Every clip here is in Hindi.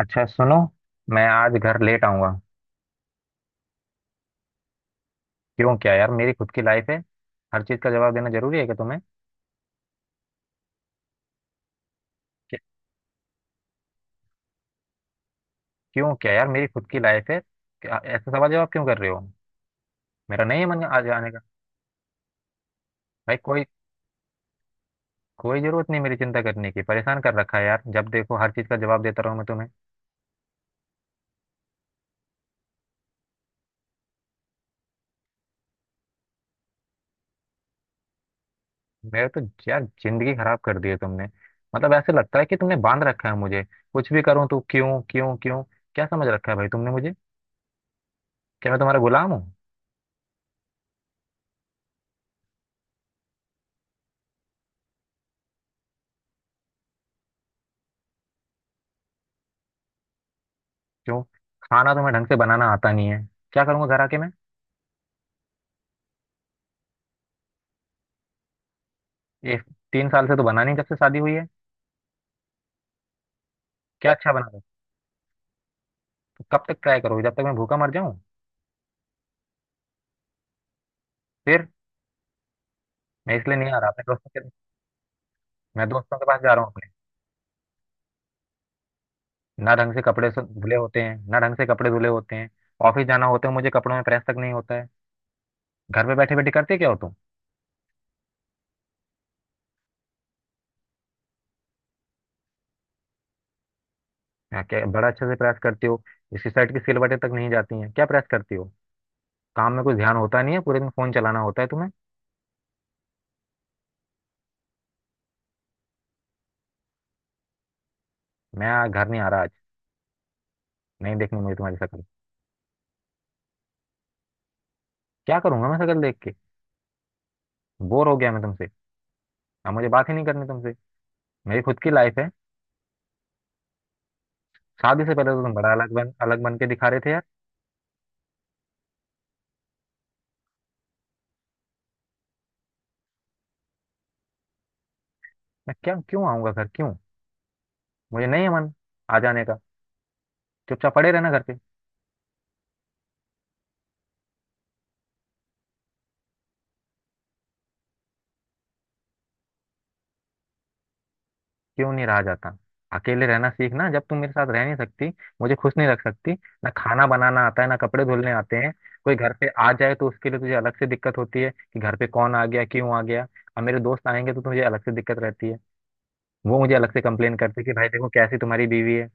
अच्छा सुनो। मैं आज घर लेट आऊंगा। क्यों क्या यार, मेरी खुद की लाइफ है। हर चीज का जवाब देना जरूरी है क्या तुम्हें? क्या- क्यों क्या यार, मेरी खुद की लाइफ है। क्या ऐसा सवाल जवाब क्यों कर रहे हो? मेरा नहीं है मन आज आने का। भाई कोई कोई जरूरत नहीं मेरी चिंता करने की। परेशान कर रखा है यार, जब देखो हर चीज का जवाब देता रहो मैं तुम्हें। मेरे तो यार, जिंदगी खराब कर दी है तुमने। मतलब ऐसे लगता है कि तुमने बांध रखा है मुझे। कुछ भी करूं तो क्यों क्यों क्यों। क्या समझ रखा है भाई तुमने मुझे? क्या मैं तुम्हारा गुलाम हूँ? क्यों, खाना तुम्हें ढंग से बनाना आता नहीं है। क्या करूंगा घर आके मैं? ये तीन साल से तो बना नहीं जब से शादी हुई है। क्या अच्छा बना था? तो कब तक ट्राई करोगे, जब तक मैं भूखा मर जाऊं? फिर मैं इसलिए नहीं आ रहा अपने दोस्तों के। मैं दोस्तों के पास जा रहा हूँ अपने। ना ढंग से कपड़े धुले होते हैं, ना ढंग से कपड़े धुले होते हैं। ऑफिस जाना होता है मुझे, कपड़ों में प्रेस तक नहीं होता है। घर पे बैठे बैठे करते क्या हो तुम? हाँ, क्या बड़ा अच्छे से प्रेस करती हो। इसकी शर्ट की सिलवटें तक नहीं जाती हैं, क्या प्रेस करती हो। काम में कुछ ध्यान होता नहीं है, पूरे दिन फोन चलाना होता है तुम्हें। मैं आज घर नहीं आ रहा आज, नहीं देखनी मुझे तुम्हारी शक्ल। क्या करूंगा मैं शक्ल देख के? बोर हो गया मैं तुमसे। अब मुझे बात ही नहीं करनी तुमसे। मेरी खुद की लाइफ है। शादी से पहले तो तुम बड़ा अलग बन के दिखा रहे थे यार। मैं क्या, क्यों आऊंगा घर, क्यों? मुझे नहीं है मन आ जाने का। चुपचाप पड़े रहना घर पे। क्यों नहीं रहा जाता? अकेले रहना सीखना, जब तुम मेरे साथ रह नहीं सकती, मुझे खुश नहीं रख सकती। ना खाना बनाना आता है, ना कपड़े धुलने आते हैं। कोई घर पे आ जाए तो उसके लिए तुझे अलग से दिक्कत होती है कि घर पे कौन आ गया, क्यों आ गया। अब मेरे दोस्त आएंगे तो तुझे अलग से दिक्कत रहती है। वो मुझे अलग से कंप्लेन करते हैं कि भाई देखो कैसी तुम्हारी बीवी है।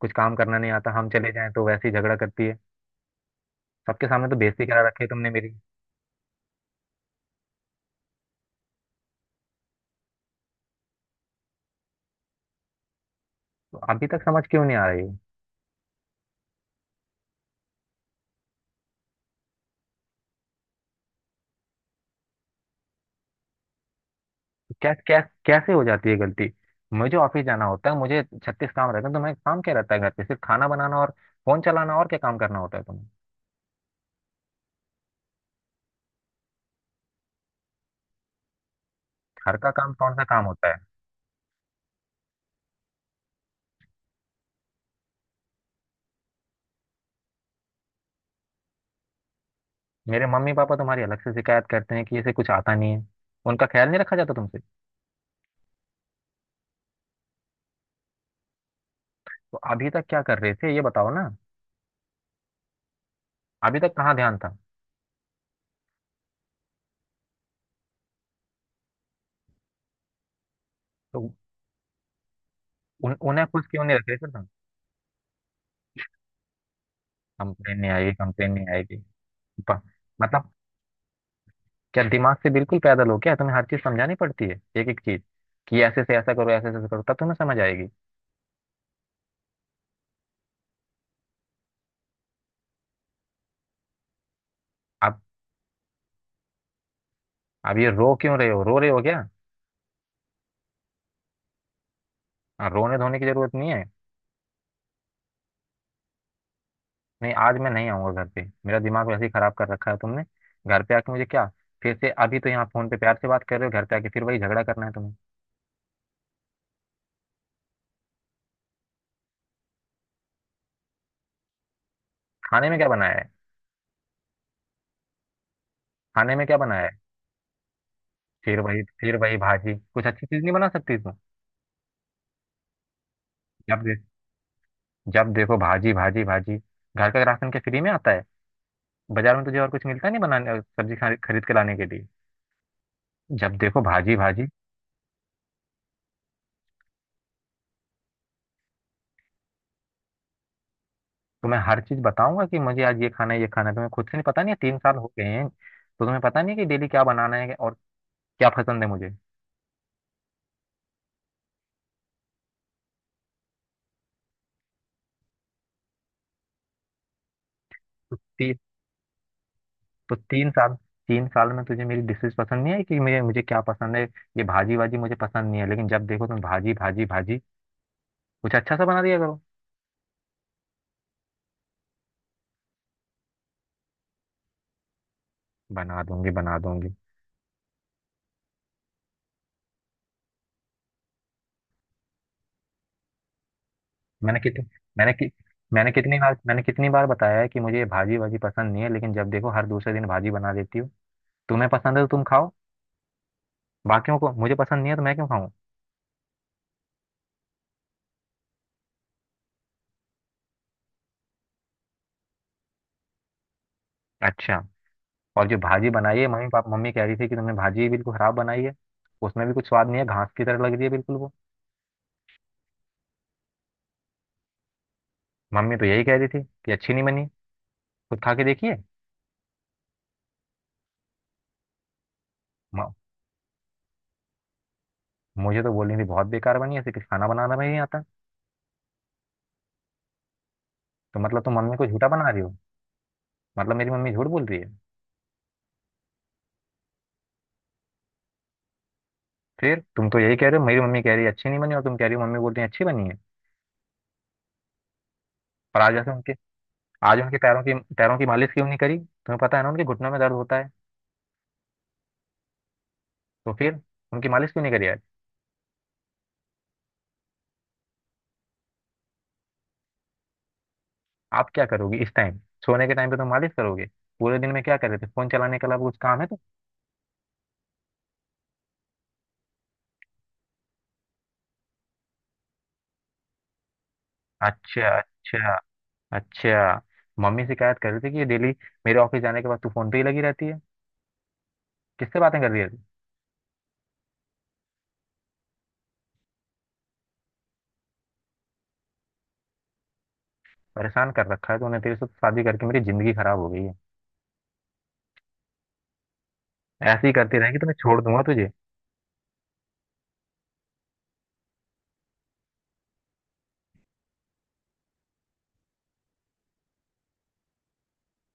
कुछ काम करना नहीं आता, हम चले जाएं तो वैसे ही झगड़ा करती है। सबके सामने तो बेइज्जती करा रखी है तुमने मेरी। अभी तक समझ क्यों नहीं आ रही है? क्या क्या, कैसे हो जाती है गलती? मुझे ऑफिस जाना होता है, मुझे छत्तीस काम रहते हैं। तो मैं, काम क्या रहता है घर पे? सिर्फ खाना बनाना और फोन चलाना, और क्या काम करना होता है तुम्हें? घर का काम कौन सा काम होता है? मेरे मम्मी पापा तुम्हारी अलग से शिकायत करते हैं कि इसे कुछ आता नहीं है, उनका ख्याल नहीं रखा जाता तुमसे। तो अभी तक क्या कर रहे थे ये बताओ ना। अभी तक कहाँ ध्यान था? तो उन्हें कुछ क्यों नहीं रख रहे थे तुम? कंप्लेन नहीं आएगी, कंप्लेन नहीं आएगी। प- मतलब क्या दिमाग से बिल्कुल पैदल हो क्या? तुम्हें हर चीज समझानी पड़ती है, एक एक चीज कि ऐसे से ऐसा करो, ऐसे से ऐसा करो, तब तुम्हें समझ आएगी। आप आप ये रो क्यों रहे हो, रो रहे हो क्या? हाँ, रोने धोने की जरूरत नहीं है। नहीं आज मैं नहीं आऊंगा घर पे, मेरा दिमाग वैसे ही खराब कर रखा है तुमने। घर पे आके मुझे क्या? फिर से अभी तो यहाँ फोन पे प्यार से बात कर रहे हो, घर पे आके फिर वही झगड़ा करना है तुम्हें। खाने में क्या बनाया है? खाने में क्या बनाया है? फिर वही भाजी, कुछ अच्छी चीज नहीं बना सकती तुम? जब दे, जब देखो भाजी भाजी भाजी। घर का राशन क्या फ्री में आता है? बाजार में तुझे और कुछ मिलता नहीं बनाने, सब्जी खरीद के लाने के लिए? जब देखो भाजी भाजी। तो मैं हर चीज बताऊंगा कि मुझे आज ये खाना है, ये खाना है, तुम्हें खुद से नहीं पता? नहीं है, 3 साल हो गए हैं तो तुम्हें पता नहीं है कि डेली क्या बनाना है और क्या पसंद है मुझे। ती, तो 3 साल, 3 साल में तुझे मेरी डिशेज पसंद नहीं है कि मुझे, मुझे क्या पसंद है? ये भाजी वाजी मुझे पसंद नहीं है, लेकिन जब देखो तुम भाजी भाजी भाजी। कुछ अच्छा सा बना दिया करो। बना दूंगी बना दूंगी। मैंने कितने मैंने कि, मैंने कितनी बार मैंने कितनी बार बताया है कि मुझे ये भाजी वाजी पसंद नहीं है, लेकिन जब देखो हर दूसरे दिन भाजी बना देती हो। तुम्हें पसंद है तो तुम खाओ। बाकियों को, मुझे पसंद नहीं है तो मैं क्यों खाऊं? अच्छा, और जो भाजी बनाई है, मम्मी कह रही थी कि तुमने भाजी बिल्कुल खराब बनाई है। उसमें भी कुछ स्वाद नहीं है, घास की तरह लग रही है बिल्कुल वो। मम्मी तो यही कह रही थी कि अच्छी नहीं बनी, खुद खा के देखिए। म- मुझे तो बोल रही थी बहुत बेकार बनी है, ऐसे कुछ खाना बनाना भी नहीं आता। तो मतलब तुम मम्मी को झूठा बना रही हो? मतलब मेरी मम्मी झूठ बोल रही है? फिर तुम तो यही कह रहे हो, मेरी मम्मी कह रही है अच्छी नहीं बनी और तुम कह रही हो मम्मी बोल रही है अच्छी बनी है। पर आज ऐसे उनके आज उनके पैरों की मालिश क्यों नहीं करी? तुम्हें पता है ना उनके घुटनों में दर्द होता है। तो फिर उनकी मालिश क्यों नहीं करी आज? आप क्या करोगी इस टाइम? सोने के टाइम पे तो मालिश करोगे? पूरे दिन में क्या कर रहे थे, फोन चलाने के अलावा कुछ काम है तो। अच्छा अच्छा। अच्छा, मम्मी शिकायत कर रही थी कि ये डेली मेरे ऑफिस जाने के बाद तू फोन पे ही लगी रहती है। किससे बातें कर रही है तू? परेशान कर रखा है तूने, तेरे से तो शादी करके मेरी जिंदगी खराब हो गई है। ऐसे ही करती रहेगी तो मैं छोड़ दूंगा तुझे।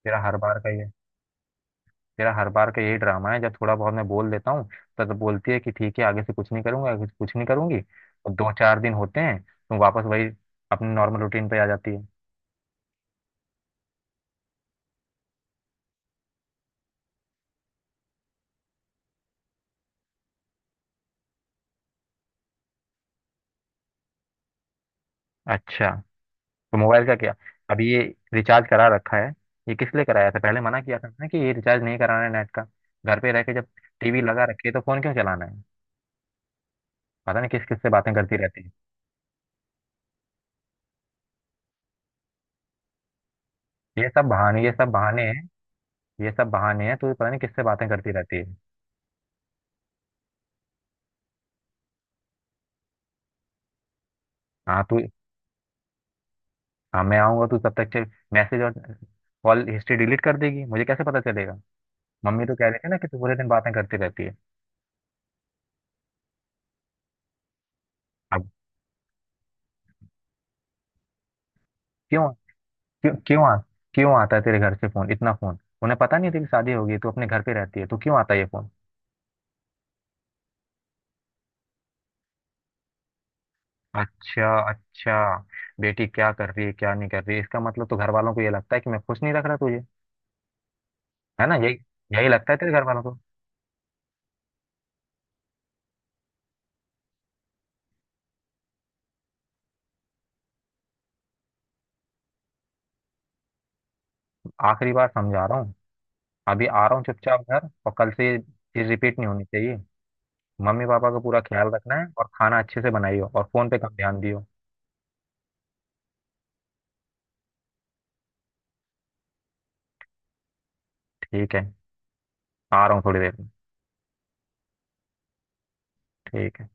तेरा हर बार का ये तेरा हर बार का यही ड्रामा है, जब थोड़ा बहुत मैं बोल देता हूँ तब तो बोलती है कि ठीक है, आगे से कुछ नहीं करूंगा, आगे से कुछ नहीं करूंगी। और दो चार दिन होते हैं तुम वापस वही अपने नॉर्मल रूटीन पे आ जाती है। अच्छा, तो मोबाइल का क्या? अभी ये रिचार्ज करा रखा है, ये किस लिए कराया था? पहले मना किया था ना कि ये रिचार्ज नहीं कराना है नेट का। घर पे रह के, जब टीवी लगा रखी है तो फोन क्यों चलाना है? पता नहीं किस किस से बातें करती रहती है। ये सब बहाने हैं, ये सब बहाने हैं। तू पता नहीं किससे बातें करती रहती है। हाँ तू हाँ, मैं आऊंगा, तू तब तक मैसेज और कॉल हिस्ट्री डिलीट कर देगी, मुझे कैसे पता चलेगा? मम्मी तो कह रही थी ना कि तू पूरे दिन बातें करती रहती है। अब क्यों, क्यों क्यों आ, क्यों आता है तेरे घर से फोन इतना? फोन उन्हें, पता नहीं है, तेरी शादी होगी, तू अपने घर पे रहती है, तू क्यों आता है ये फोन? अच्छा अच्छा। बेटी क्या कर रही है, क्या नहीं कर रही है, इसका मतलब तो घर वालों को ये लगता है कि मैं खुश नहीं रख रहा तुझे। है ना? यही यही लगता है तेरे घर वालों को। आखिरी बार समझा रहा हूँ, अभी आ रहा हूँ चुपचाप घर, और कल से ये चीज रिपीट नहीं होनी चाहिए। मम्मी पापा का पूरा ख्याल रखना है और खाना अच्छे से बनाइयो और फोन पे कम ध्यान दियो। ठीक है, आ रहा हूँ थोड़ी देर में। ठीक है।